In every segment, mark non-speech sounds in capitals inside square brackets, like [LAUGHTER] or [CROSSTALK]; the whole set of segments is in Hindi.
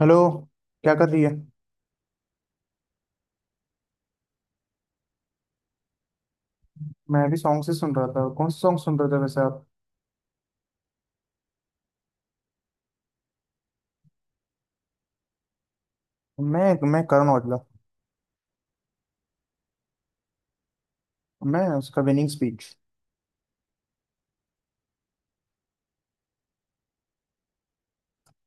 हेलो। क्या कर रही है। मैं भी सॉन्ग से सुन रहा था। कौन सा सॉन्ग सुन रहे थे वैसे आप। मैं करण औजला। मैं उसका विनिंग स्पीच।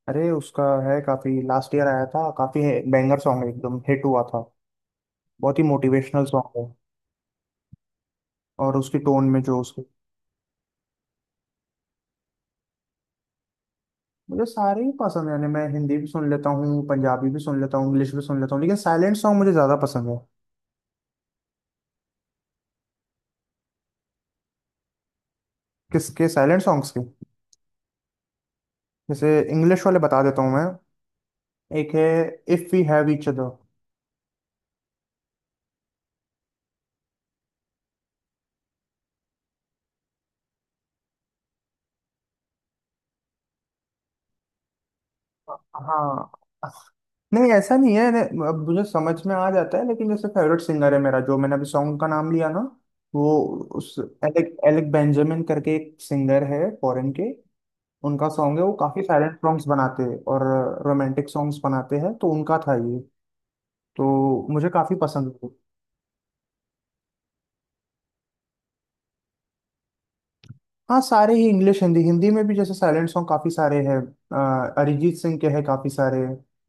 अरे उसका है। काफी लास्ट ईयर आया था। काफी बैंगर सॉन्ग है, एकदम हिट हुआ था। बहुत ही मोटिवेशनल सॉन्ग है। और उसकी टोन में जो उसकी। मुझे सारे ही पसंद है, यानी मैं हिंदी भी सुन लेता हूँ, पंजाबी भी सुन लेता हूँ, इंग्लिश भी सुन लेता हूँ, लेकिन साइलेंट सॉन्ग मुझे ज्यादा पसंद है। किसके साइलेंट सॉन्ग्स के। जैसे इंग्लिश वाले बता देता हूँ मैं। एक है। If we have each other. हाँ। [LAUGHS] नहीं ऐसा नहीं है। अब मुझे समझ में आ जाता है, लेकिन जैसे फेवरेट सिंगर है मेरा, जो मैंने अभी सॉन्ग का नाम लिया ना। वो। उस एलेक एलेक बेंजामिन करके एक सिंगर है फॉरेन के। उनका सॉन्ग है, वो काफी साइलेंट सॉन्ग्स बनाते हैं, और रोमांटिक सॉन्ग्स बनाते हैं, तो उनका था ये। तो मुझे काफी पसंद है। हाँ, सारे ही इंग्लिश, हिंदी हिंदी में भी जैसे साइलेंट सॉन्ग काफी सारे हैं। अरिजीत सिंह के हैं काफी सारे,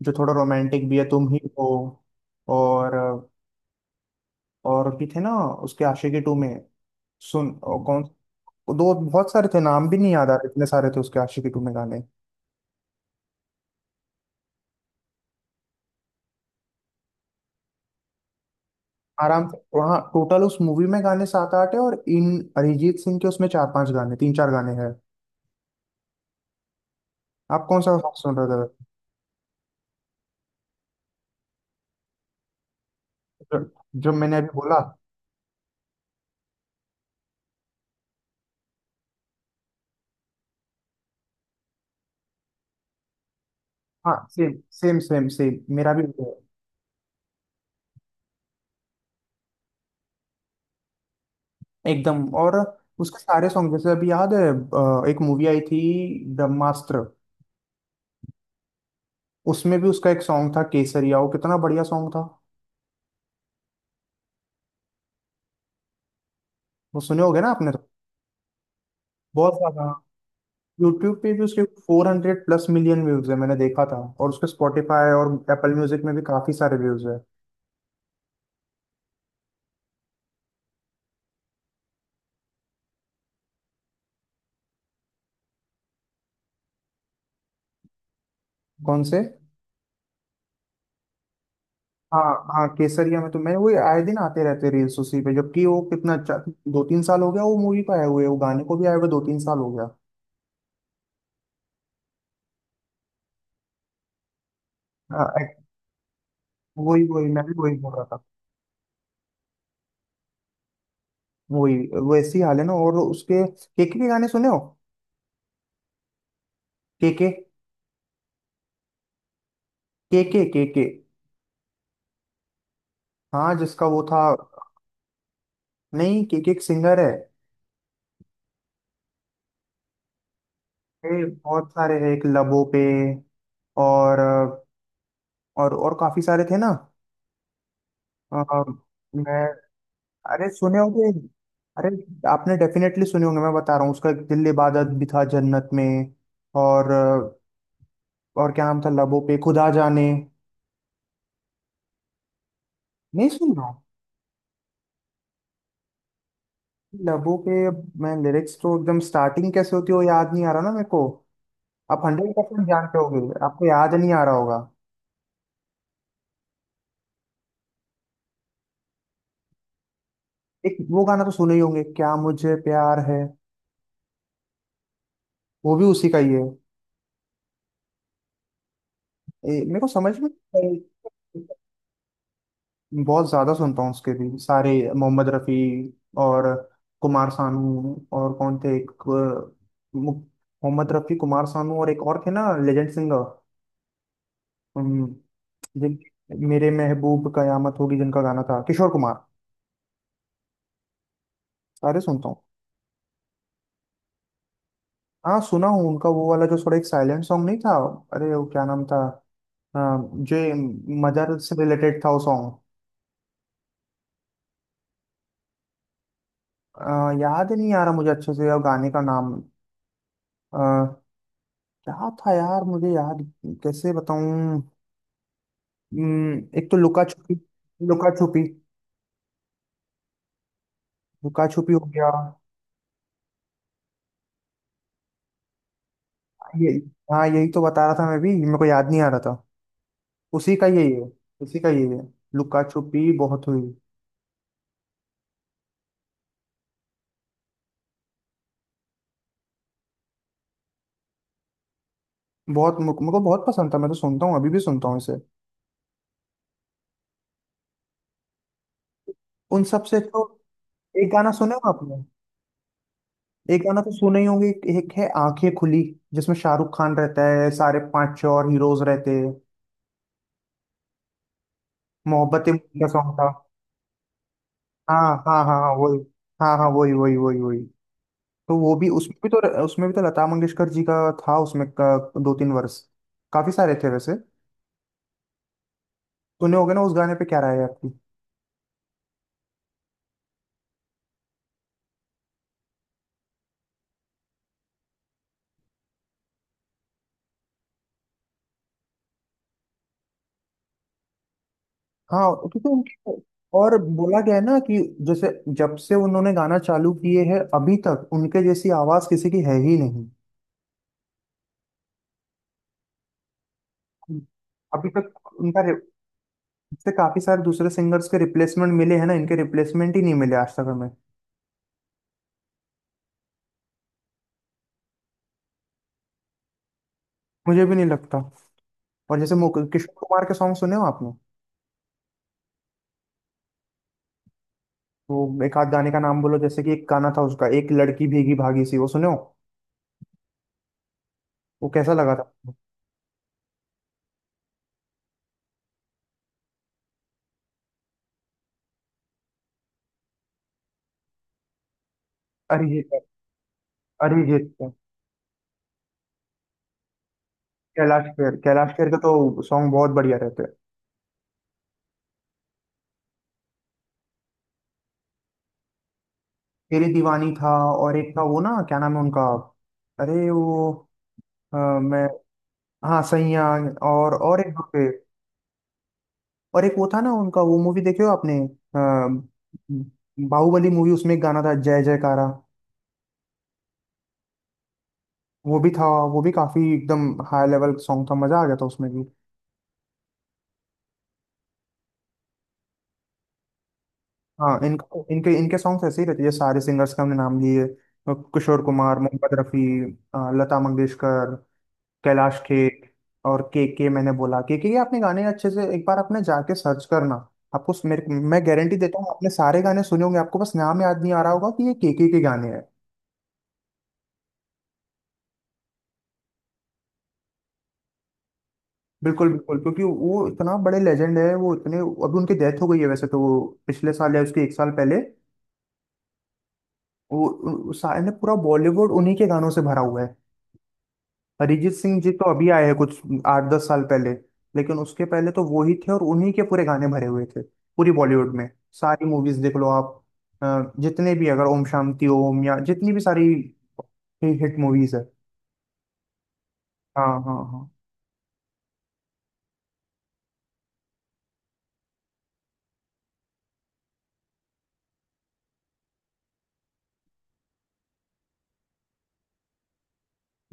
जो थोड़ा रोमांटिक भी है, तुम ही हो। और। और भी थे ना, उसके आशिकी टू में। सुन और कौन। दो बहुत सारे थे, नाम भी नहीं याद आ रहे। हाँ इतने सारे थे उसके आशिकी टू में गाने। आराम से, वहाँ टोटल उस मूवी में गाने सात आठ है, और इन अरिजीत सिंह के उसमें चार पांच गाने, तीन चार गाने हैं। आप कौन सा सॉन्ग सुन रहे थे। जो मैंने अभी बोला। हाँ सेम सेम सेम सेम, मेरा भी वही है। एकदम। और उसके सारे सॉन्ग, जैसे अभी याद है। एक मूवी आई थी, ब्रह्मास्त्र। उसमें भी उसका एक सॉन्ग था, केसरिया। वो कितना बढ़िया सॉन्ग था। वो सुने होगे ना आपने तो। बहुत ज्यादा। यूट्यूब पे भी उसके 400+ मिलियन व्यूज है, मैंने देखा था, और उसके स्पॉटिफाई और एप्पल म्यूजिक में भी काफी सारे व्यूज है। कौन से। हाँ। हाँ केसरिया में तो मैं वो आए दिन आते रहते रील्स उसी पे, जबकि वो कितना अच्छा, 2-3 साल हो गया वो मूवी को आए हुए, वो गाने को भी आए हुए 2-3 साल हो गया। हाँ। वही वही, मैं भी वही बोल रहा था। वही। वैसी हाल है ना। और उसके केके के गाने सुने हो। केके केके केके हाँ जिसका वो था। नहीं, केके एक सिंगर है। ये बहुत सारे हैं, एक लबों पे। और। और काफी सारे थे ना। अ, मैं। अरे सुने होंगे। अरे। आपने डेफिनेटली सुने होंगे, मैं बता रहा हूँ। उसका एक दिल इबादत भी था जन्नत में। और। और क्या नाम था, लबों पे खुदा जाने। नहीं सुन रहा हूँ। लबों पे, अब मैं लिरिक्स तो एकदम स्टार्टिंग कैसे होती है वो याद नहीं आ रहा ना मेरे को। आप 100% जानते होगे, आपको याद नहीं आ रहा होगा। एक वो गाना तो सुने ही होंगे, क्या मुझे प्यार है। वो भी उसी का ही है। मेरे को समझ में नहीं। बहुत ज्यादा सुनता हूँ, उसके भी सारे। मोहम्मद रफी। और। कुमार सानू, और कौन थे एक। मोहम्मद रफी, कुमार सानू, और एक और थे ना लेजेंड सिंगर। हम्म, जिन। मेरे महबूब कयामत होगी, जिनका गाना था, किशोर कुमार। सारे सुनता हूँ। हाँ सुना हूँ, उनका वो वाला जो थोड़ा एक साइलेंट सॉन्ग, नहीं था। अरे वो क्या नाम था। आ, जो मदर से रिलेटेड था वो। सॉन्ग याद नहीं आ रहा मुझे अच्छे से, अब गाने का नाम क्या था यार मुझे याद। कैसे बताऊं। एक तो लुका छुपी। लुका छुपी। लुका छुपी हो गया। ये। हाँ यही तो बता रहा था मैं भी, मेरे को याद नहीं आ रहा था। उसी का यही है। उसी का यही है। लुका छुपी बहुत हुई। बहुत मेरे को बहुत पसंद था, मैं तो सुनता हूँ, अभी भी सुनता हूँ इसे। उन सबसे तो। एक गाना सुने हो आपने। एक गाना तो सुने ही होंगे, एक एक है, आंखें खुली। जिसमें शाहरुख खान रहता है, सारे पांच छह और हीरोज रहते हैं। मोहब्बतें का सॉन्ग था। हाँ हाँ हाँ हाँ, वही। हाँ हाँ, वही वही वही वही। तो वो भी, उसमें भी तो। उसमें भी तो लता मंगेशकर जी का था उसमें का, 2-3 वर्ष, काफी सारे थे वैसे। सुने होगे ना उस गाने पे, क्या राय है आपकी। हाँ, क्योंकि उनकी। और बोला गया है ना कि, जैसे, जब से उन्होंने गाना चालू किए हैं अभी तक उनके जैसी आवाज किसी की है ही नहीं। अभी तक उनका इससे काफी सारे दूसरे सिंगर्स के रिप्लेसमेंट मिले हैं ना, इनके रिप्लेसमेंट ही नहीं मिले आज तक हमें। मुझे भी नहीं लगता। और जैसे किशोर कुमार के सॉन्ग सुने हो आपने। वो एक आध गाने का नाम बोलो, जैसे कि एक गाना था उसका, एक लड़की भीगी भागी सी, वो सुनो। वो कैसा लगा था आपको? अरिजीत का- अरिजीत का, कैलाश खेर। कैलाश खेर का तो सॉन्ग बहुत बढ़िया रहते हैं। तेरी दीवानी था। और एक था वो ना, क्या नाम है उनका। अरे वो। मैं। हाँ सैया। और एक दो थे। और एक वो था ना उनका, वो मूवी देखे हो आपने। बाहुबली मूवी, उसमें एक गाना था, जय जयकारा। वो भी था। वो भी काफी एकदम हाई लेवल सॉन्ग था, मजा आ गया था उसमें भी। हाँ, इनका इनके इनके सॉन्ग्स ऐसे ही रहते हैं। ये सारे सिंगर्स के हमने नाम लिए, किशोर कुमार, मोहम्मद रफ़ी, लता मंगेशकर, कैलाश खेर, और के के। मैंने बोला, के ये आपने गाने अच्छे से एक बार आपने जाके सर्च करना। आपको उस- मेरे मैं गारंटी देता हूँ, आपने सारे गाने सुने होंगे, आपको बस नाम याद नहीं आ रहा होगा कि ये के गाने हैं। बिल्कुल बिल्कुल, क्योंकि वो इतना बड़े लेजेंड है, वो इतने, अभी उनकी डेथ हो गई है वैसे तो वो, पिछले साल या उसके एक साल पहले। वो सारे, पूरा बॉलीवुड उन्हीं के गानों से भरा हुआ है। अरिजीत सिंह जी तो अभी आए हैं कुछ 8-10 साल पहले, लेकिन उसके पहले तो वो ही थे और उन्हीं के पूरे गाने भरे हुए थे पूरी बॉलीवुड में। सारी मूवीज देख लो आप। जितने भी, अगर ओम शांति ओम या जितनी भी सारी हिट मूवीज है। हाँ हाँ हाँ।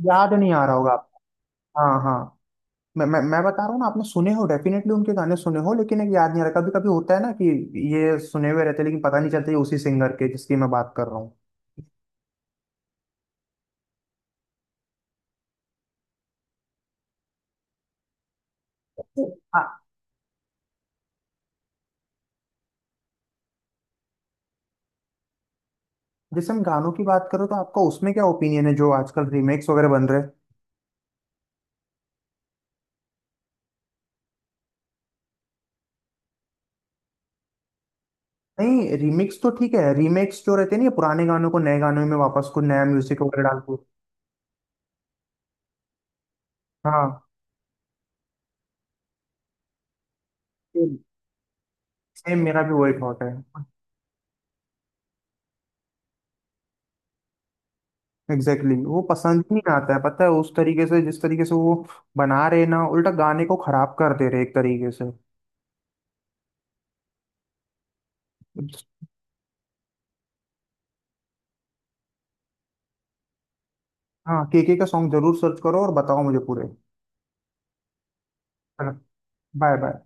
याद नहीं आ रहा होगा आपको। हाँ हाँ। मैं बता रहा हूँ ना, आपने सुने हो डेफिनेटली उनके गाने, सुने हो लेकिन एक याद नहीं आ रहा, कभी कभी होता है ना कि ये सुने हुए रहते हैं, लेकिन पता नहीं चलता ये उसी सिंगर के जिसकी मैं बात कर रहा हूँ। जैसे हम गानों की बात करो तो आपका उसमें क्या ओपिनियन है, जो आजकल रीमेक्स वगैरह बन रहे हैं। नहीं, रीमिक्स तो ठीक है, रीमेक्स जो रहते हैं ना, ये पुराने गानों को नए गानों में वापस कुछ नया म्यूजिक वगैरह डाल के। हाँ सेम मेरा भी वही थॉट है। Exactly exactly. वो पसंद ही नहीं आता है, पता है, उस तरीके से जिस तरीके से वो बना रहे ना, उल्टा गाने को खराब कर दे रहे एक तरीके से। हाँ, केके का सॉन्ग जरूर सर्च करो और बताओ मुझे पूरे। Bye bye.